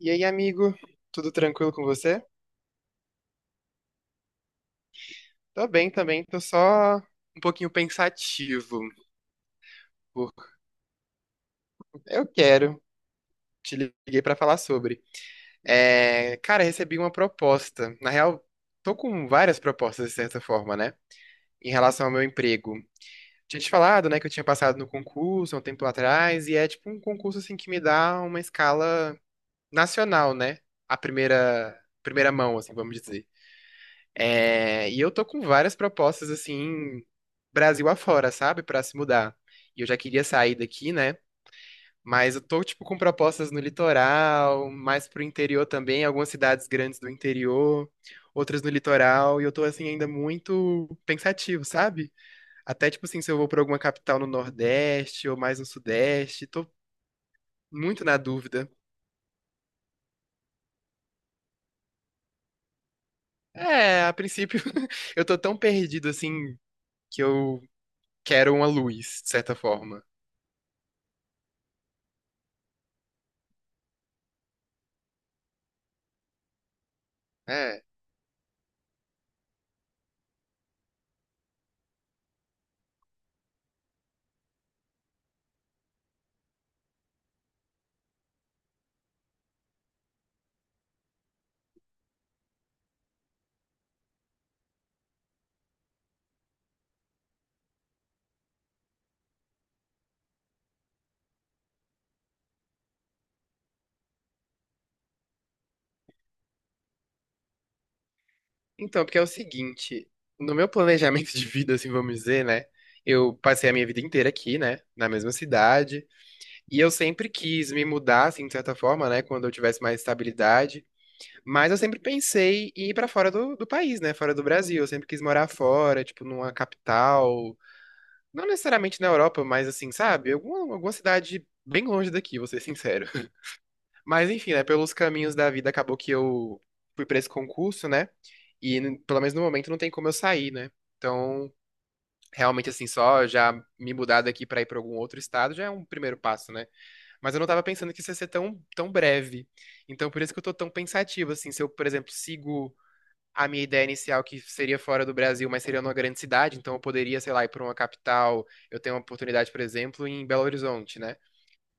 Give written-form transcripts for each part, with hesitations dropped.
E aí, amigo? Tudo tranquilo com você? Tô bem também, tô só um pouquinho pensativo. por- Eu quero, te liguei pra falar sobre. É, cara, recebi uma proposta. Na real, tô com várias propostas de certa forma, né? Em relação ao meu emprego. Tinha te falado, né, que eu tinha passado no concurso há um tempo atrás, e é tipo um concurso assim que me dá uma escala nacional, né? A primeira mão, assim, vamos dizer. É, e eu tô com várias propostas assim Brasil afora, sabe? Pra se mudar. E eu já queria sair daqui, né? Mas eu tô, tipo, com propostas no litoral, mais pro interior também, algumas cidades grandes do interior, outras no litoral, e eu tô, assim, ainda muito pensativo, sabe? Até, tipo assim, se eu vou pra alguma capital no Nordeste ou mais no Sudeste, tô muito na dúvida. É, a princípio, eu tô tão perdido, assim, que eu quero uma luz, de certa forma. É. Então, porque é o seguinte, no meu planejamento de vida, assim, vamos dizer, né? Eu passei a minha vida inteira aqui, né? Na mesma cidade. E eu sempre quis me mudar, assim, de certa forma, né? Quando eu tivesse mais estabilidade. Mas eu sempre pensei em ir pra fora do país, né? Fora do Brasil. Eu sempre quis morar fora, tipo, numa capital. Não necessariamente na Europa, mas assim, sabe? Alguma cidade bem longe daqui, vou ser sincero. Mas enfim, né? Pelos caminhos da vida, acabou que eu fui pra esse concurso, né? Pelo menos no momento não tem como eu sair, né? Então, realmente assim, só já me mudar daqui pra ir pra algum outro estado já é um primeiro passo, né? Mas eu não tava pensando que isso ia ser tão, tão breve. Então, por isso que eu tô tão pensativo, assim, se eu, por exemplo, sigo a minha ideia inicial que seria fora do Brasil, mas seria numa grande cidade, então eu poderia, sei lá, ir pra uma capital, eu tenho uma oportunidade, por exemplo, em Belo Horizonte, né?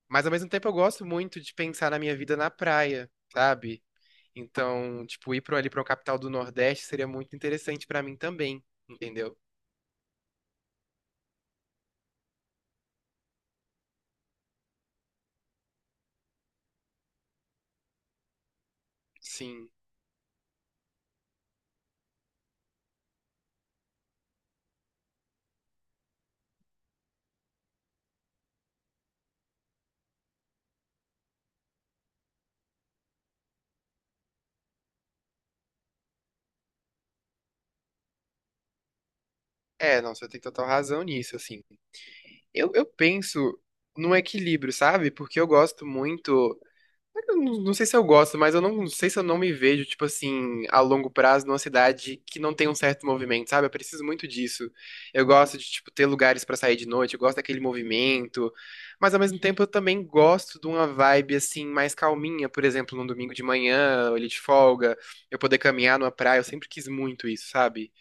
Mas ao mesmo tempo eu gosto muito de pensar na minha vida na praia. Sabe? Então, tipo, ir pra, ali pra uma capital do Nordeste seria muito interessante pra mim também, entendeu? Sim. É, não, você tem total razão nisso, assim. Eu penso num equilíbrio, sabe? Porque eu gosto muito. Eu não sei se eu gosto, mas eu não sei se eu não me vejo, tipo assim, a longo prazo numa cidade que não tem um certo movimento, sabe? Eu preciso muito disso. Eu gosto de, tipo, ter lugares pra sair de noite, eu gosto daquele movimento, mas ao mesmo tempo eu também gosto de uma vibe, assim, mais calminha, por exemplo, num domingo de manhã, ali de folga, eu poder caminhar numa praia, eu sempre quis muito isso, sabe?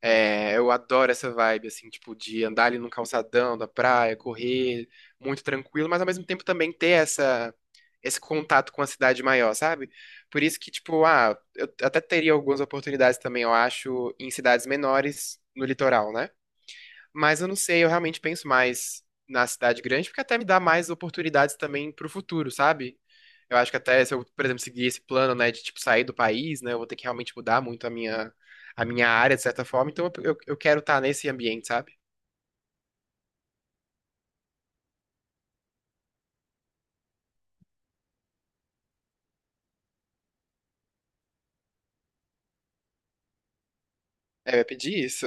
É, eu adoro essa vibe, assim, tipo, de andar ali no calçadão da praia, correr, muito tranquilo, mas ao mesmo tempo também ter essa, esse contato com a cidade maior, sabe? Por isso que, tipo, ah, eu até teria algumas oportunidades também, eu acho, em cidades menores no litoral, né? Mas eu não sei, eu realmente penso mais na cidade grande, porque até me dá mais oportunidades também pro futuro, sabe? Eu acho que até se eu, por exemplo, seguir esse plano, né, de tipo sair do país, né, eu vou ter que realmente mudar muito a minha área, de certa forma. Então eu quero estar nesse ambiente, sabe? É, eu ia pedir isso.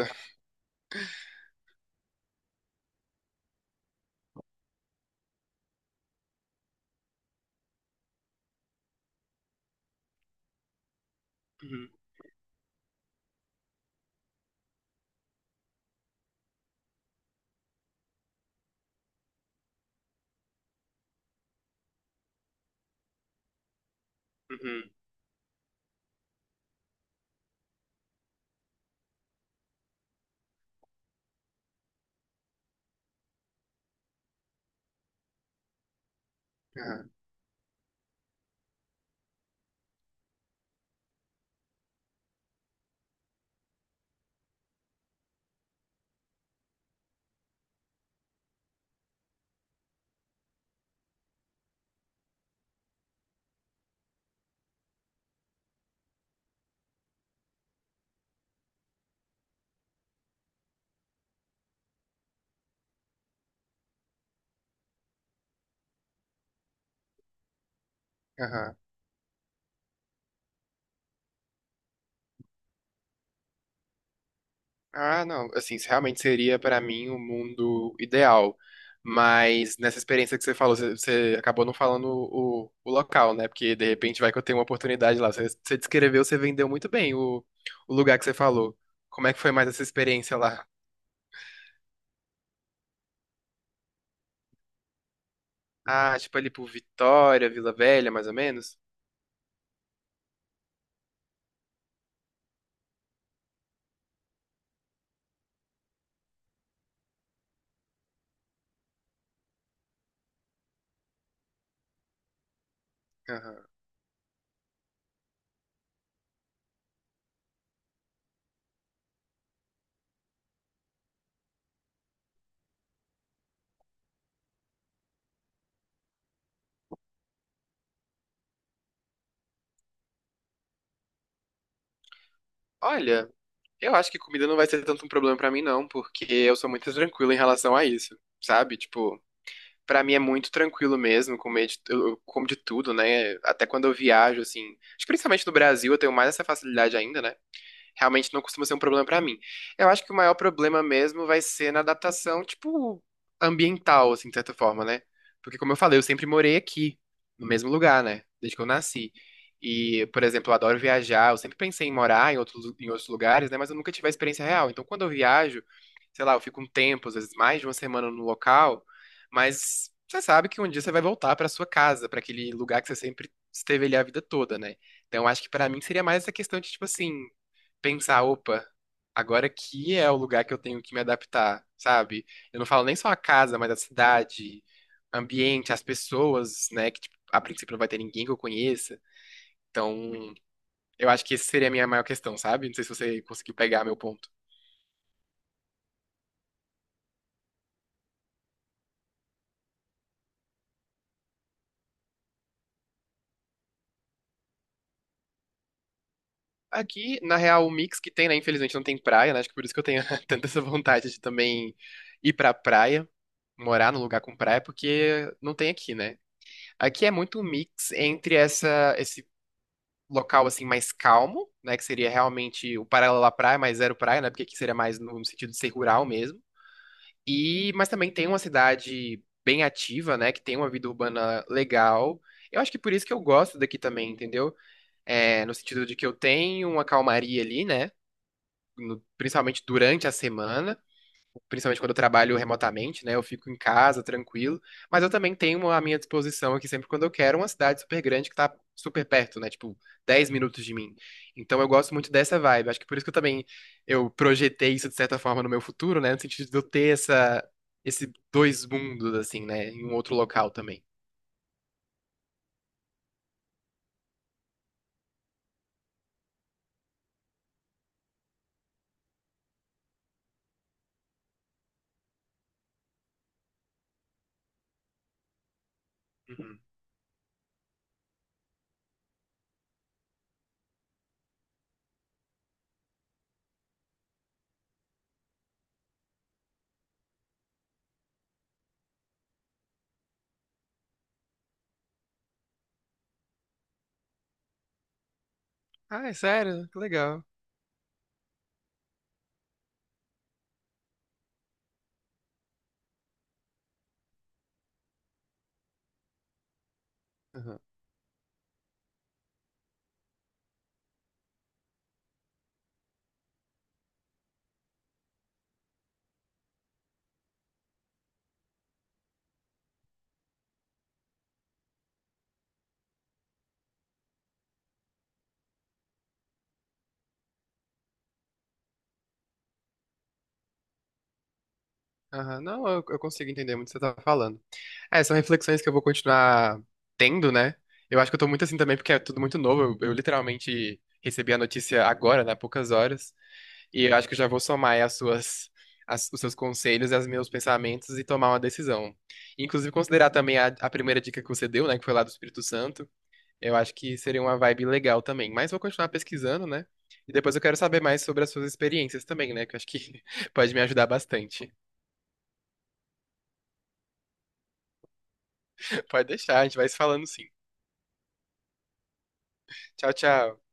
Uhum, uhum, aham, aham. Ah, não, assim, isso realmente seria para mim o mundo ideal. Mas nessa experiência que você falou, você acabou não falando o local, né? Porque de repente vai que eu tenho uma oportunidade lá. Você descreveu, você vendeu muito bem o lugar que você falou. Como é que foi mais essa experiência lá? Ah, tipo ali por Vitória, Vila Velha, mais ou menos? Aham. Olha, eu acho que comida não vai ser tanto um problema para mim, não, porque eu sou muito tranquilo em relação a isso, sabe? Tipo. Pra mim é muito tranquilo mesmo, comer de, eu como de tudo, né? Até quando eu viajo, assim. Acho que principalmente no Brasil eu tenho mais essa facilidade ainda, né? Realmente não costuma ser um problema pra mim. Eu acho que o maior problema mesmo vai ser na adaptação, tipo, ambiental, assim, de certa forma, né? Porque, como eu falei, eu sempre morei aqui, no mesmo lugar, né? Desde que eu nasci. E, por exemplo, eu adoro viajar, eu sempre pensei em morar em outros lugares, né? Mas eu nunca tive a experiência real. Então, quando eu viajo, sei lá, eu fico um tempo, às vezes mais de uma semana no local, mas você sabe que um dia você vai voltar pra sua casa, pra aquele lugar que você sempre esteve ali a vida toda, né? Então, acho que pra mim seria mais essa questão de, tipo assim, pensar, opa, agora aqui é o lugar que eu tenho que me adaptar, sabe? Eu não falo nem só a casa, mas a cidade, ambiente, as pessoas, né? Que, tipo, a princípio não vai ter ninguém que eu conheça. Então, eu acho que essa seria a minha maior questão, sabe? Não sei se você conseguiu pegar meu ponto. Aqui, na real, o mix que tem, né? Infelizmente não tem praia, né? Acho que por isso que eu tenho tanta essa vontade de também ir pra praia, morar num lugar com praia, porque não tem aqui, né? Aqui é muito um mix entre essa, local assim mais calmo, né, que seria realmente o paralelo à praia, mas zero praia, né, porque aqui seria mais no sentido de ser rural mesmo. E mas também tem uma cidade bem ativa, né, que tem uma vida urbana legal. Eu acho que por isso que eu gosto daqui também, entendeu? É, no sentido de que eu tenho uma calmaria ali, né, principalmente durante a semana, principalmente quando eu trabalho remotamente, né? Eu fico em casa, tranquilo. Mas eu também tenho à minha disposição aqui, sempre quando eu quero, uma cidade super grande que tá super perto, né? Tipo, 10 minutos de mim. Então eu gosto muito dessa vibe. Acho que por isso que eu também eu projetei isso, de certa forma, no meu futuro, né? No sentido de eu ter essa, esse dois mundos, assim, né? Em um outro local também. Uhum. Ah, é sério? Que legal. Uhum. Aham, não, eu consigo entender muito o que você tá falando. É, são reflexões que eu vou continuar tendo, né? Eu acho que eu tô muito assim também, porque é tudo muito novo. Eu literalmente recebi a notícia agora, né? Há poucas horas. E eu acho que eu já vou somar aí as suas, os seus conselhos e os meus pensamentos e tomar uma decisão. Inclusive, considerar também a primeira dica que você deu, né? Que foi lá do Espírito Santo. Eu acho que seria uma vibe legal também. Mas vou continuar pesquisando, né? E depois eu quero saber mais sobre as suas experiências também, né? Que eu acho que pode me ajudar bastante. Pode deixar, a gente vai se falando sim. Tchau, tchau.